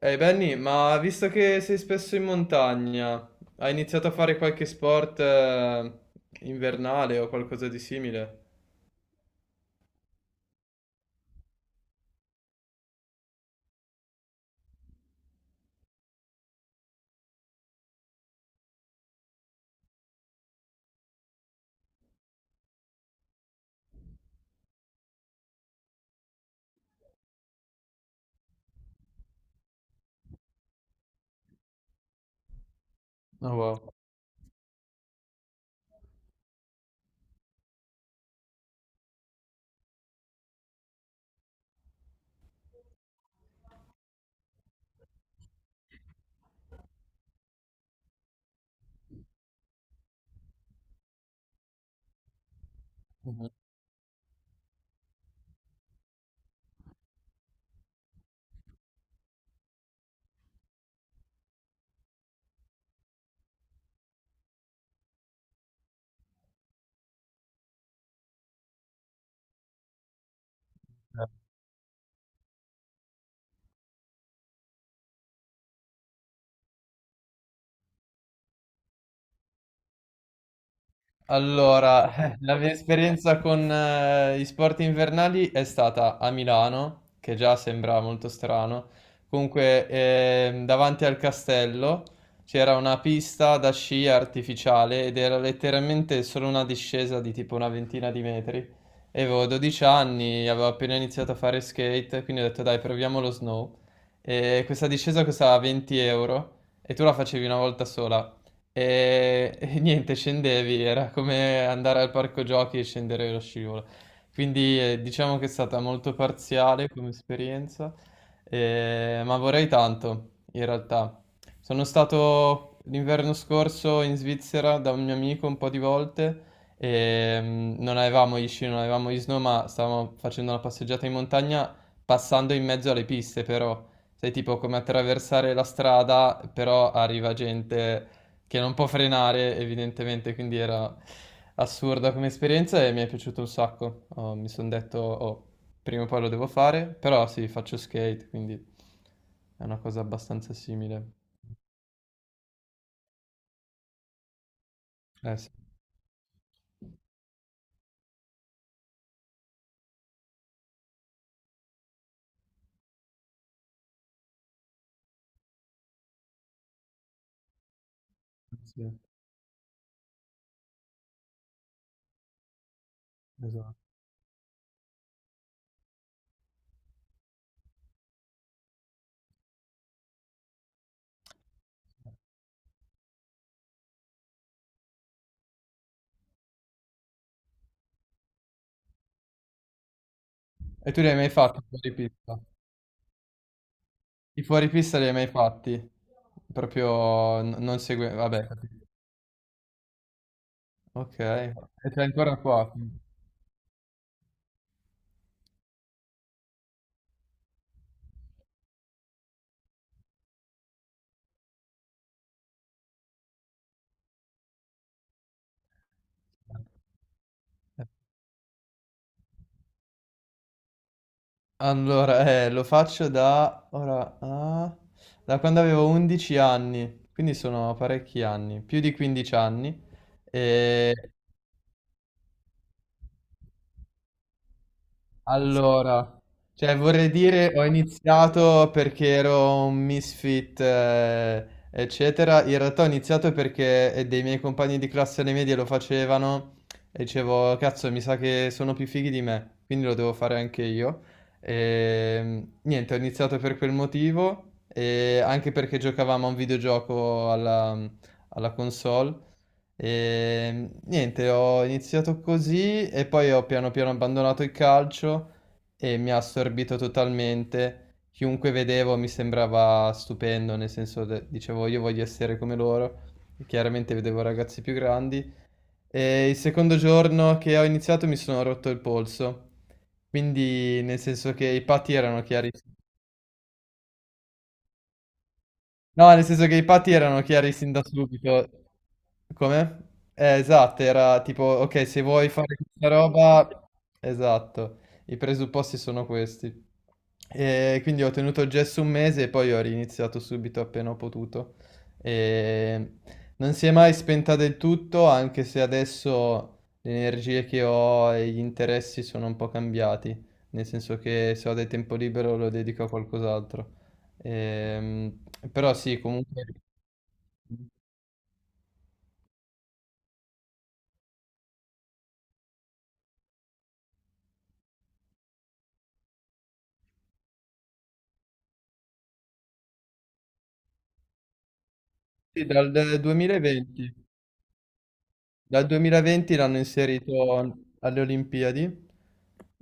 Ehi Benny, ma visto che sei spesso in montagna, hai iniziato a fare qualche sport invernale o qualcosa di simile? Oh, wow. Allora, la mia esperienza con gli sport invernali è stata a Milano, che già sembra molto strano. Comunque, davanti al castello c'era una pista da sci artificiale ed era letteralmente solo una discesa di tipo una ventina di metri. E avevo 12 anni, avevo appena iniziato a fare skate, quindi ho detto dai, proviamo lo snow. E questa discesa costava 20 euro e tu la facevi una volta sola. E niente, scendevi, era come andare al parco giochi e scendere lo scivolo. Quindi diciamo che è stata molto parziale come esperienza, ma vorrei tanto, in realtà. Sono stato l'inverno scorso in Svizzera da un mio amico un po' di volte e non avevamo gli sci, non avevamo gli snow, ma stavamo facendo una passeggiata in montagna passando in mezzo alle piste, però. Sai, tipo come attraversare la strada, però arriva gente che non può frenare evidentemente, quindi era assurda come esperienza e mi è piaciuto un sacco. Oh, mi sono detto, oh, prima o poi lo devo fare, però sì, faccio skate, quindi è una cosa abbastanza simile. Eh sì, sì, esatto. E tu li hai mai fatti fuori pista? I fuori pista li hai mai fatti? Proprio non segue... Vabbè, capito. Ok. E c'è ancora qua, quindi. Allora, lo faccio da, ora, da quando avevo 11 anni, quindi sono parecchi anni, più di 15 anni. E. Allora, cioè vorrei dire ho iniziato perché ero un misfit, eccetera. In realtà ho iniziato perché dei miei compagni di classe alle medie lo facevano e dicevo, cazzo, mi sa che sono più fighi di me, quindi lo devo fare anche io. E, niente, ho iniziato per quel motivo e anche perché giocavamo a un videogioco alla console. E niente, ho iniziato così e poi ho piano piano abbandonato il calcio e mi ha assorbito totalmente. Chiunque vedevo mi sembrava stupendo, nel senso dicevo io voglio essere come loro. E chiaramente vedevo ragazzi più grandi. E il secondo giorno che ho iniziato mi sono rotto il polso. Quindi nel senso che i patti erano chiari. No, nel senso che i patti erano chiari sin da subito. Come? Esatto, era tipo, ok, se vuoi fare questa roba, esatto, i presupposti sono questi. E quindi ho tenuto il gesso un mese e poi ho riniziato subito appena ho potuto. E non si è mai spenta del tutto, anche se adesso le energie che ho e gli interessi sono un po' cambiati, nel senso che se ho del tempo libero lo dedico a qualcos'altro. Ehm, però sì, comunque... Sì, dal 2020. Dal 2020 l'hanno inserito alle Olimpiadi.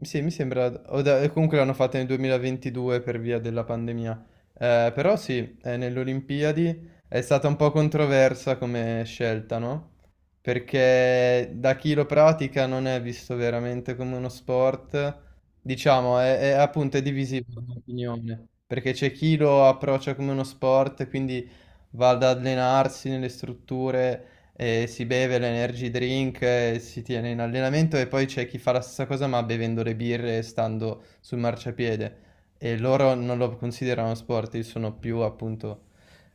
Sì, mi sembra, o comunque l'hanno fatta nel 2022 per via della pandemia. Però sì, nelle Olimpiadi è stata un po' controversa come scelta, no? Perché da chi lo pratica non è visto veramente come uno sport, diciamo, appunto è divisivo l'opinione, perché c'è chi lo approccia come uno sport, quindi va ad allenarsi nelle strutture e si beve l'energy drink e si tiene in allenamento e poi c'è chi fa la stessa cosa ma bevendo le birre e stando sul marciapiede e loro non lo considerano sport, io sono più appunto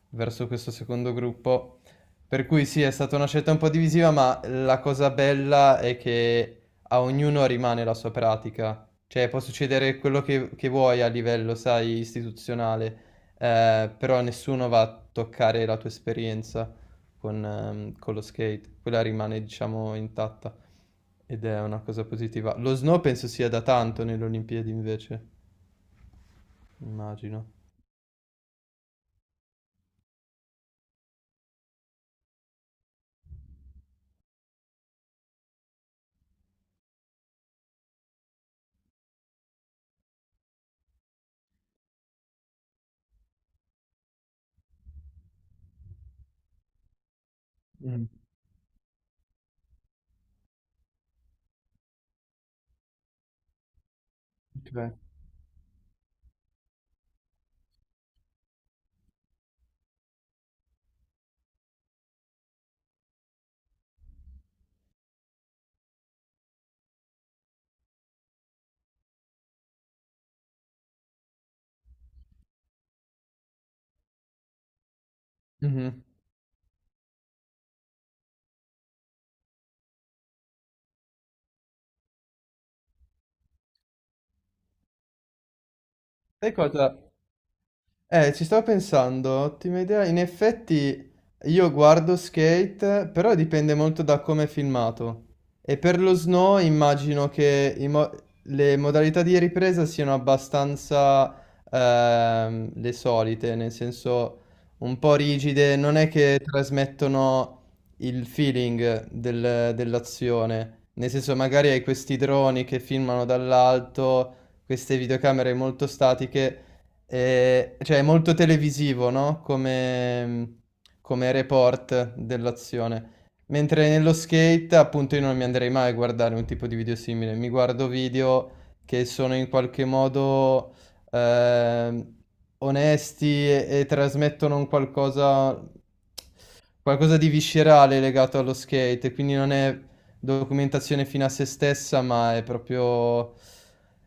verso questo secondo gruppo. Per cui sì, è stata una scelta un po' divisiva, ma la cosa bella è che a ognuno rimane la sua pratica. Cioè, può succedere quello che vuoi a livello, sai, istituzionale, però nessuno va a toccare la tua esperienza con lo skate. Quella rimane, diciamo, intatta ed è una cosa positiva. Lo snow penso sia da tanto nelle Olimpiadi invece, immagino. Mm, ok. Mhm. Sai cosa? Ci stavo pensando, ottima idea. In effetti io guardo Skate, però dipende molto da come è filmato. E per lo snow immagino che i le modalità di ripresa siano abbastanza le solite, nel senso un po' rigide, non è che trasmettono il feeling dell'azione. Nel senso magari hai questi droni che filmano dall'alto, queste videocamere molto statiche. Cioè, è molto televisivo, no? Come, report dell'azione. Mentre nello skate, appunto, io non mi andrei mai a guardare un tipo di video simile. Mi guardo video che sono in qualche modo ehm, onesti e trasmettono un qualcosa di viscerale legato allo skate, quindi non è documentazione fino a se stessa, ma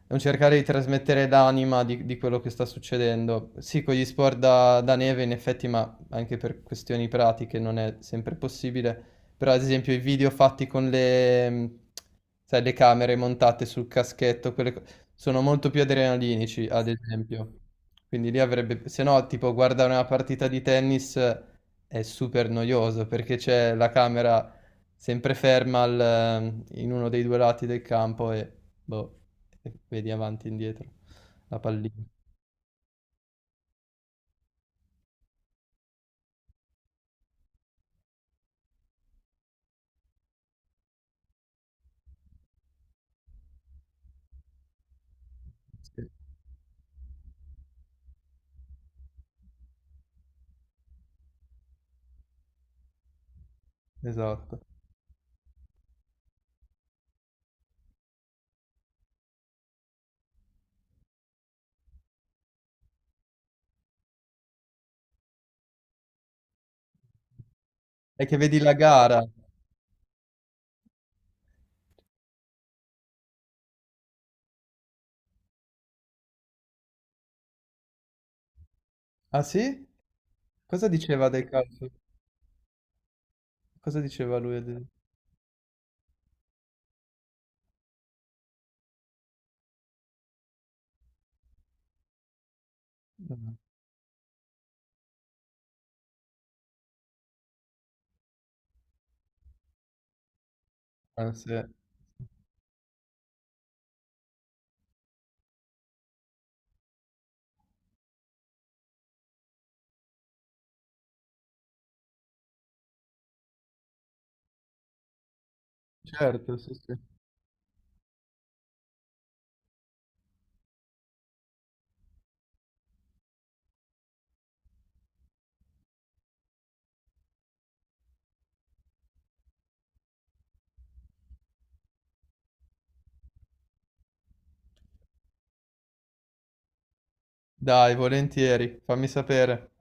è un cercare di trasmettere l'anima di quello che sta succedendo. Sì, con gli sport da neve in effetti, ma anche per questioni pratiche non è sempre possibile, però ad esempio i video fatti con le, sai, le camere montate sul caschetto, quelle sono molto più adrenalinici, ad esempio. Quindi lì avrebbe, se no, tipo guardare una partita di tennis è super noioso perché c'è la camera sempre ferma in uno dei due lati del campo e boh, e vedi avanti e indietro la pallina. Sì, esatto. E che vedi la gara. Ah sì? Cosa diceva del calcio? Cosa diceva lui? Ah, sì. Certo, sì, sì. Dai, volentieri, fammi sapere.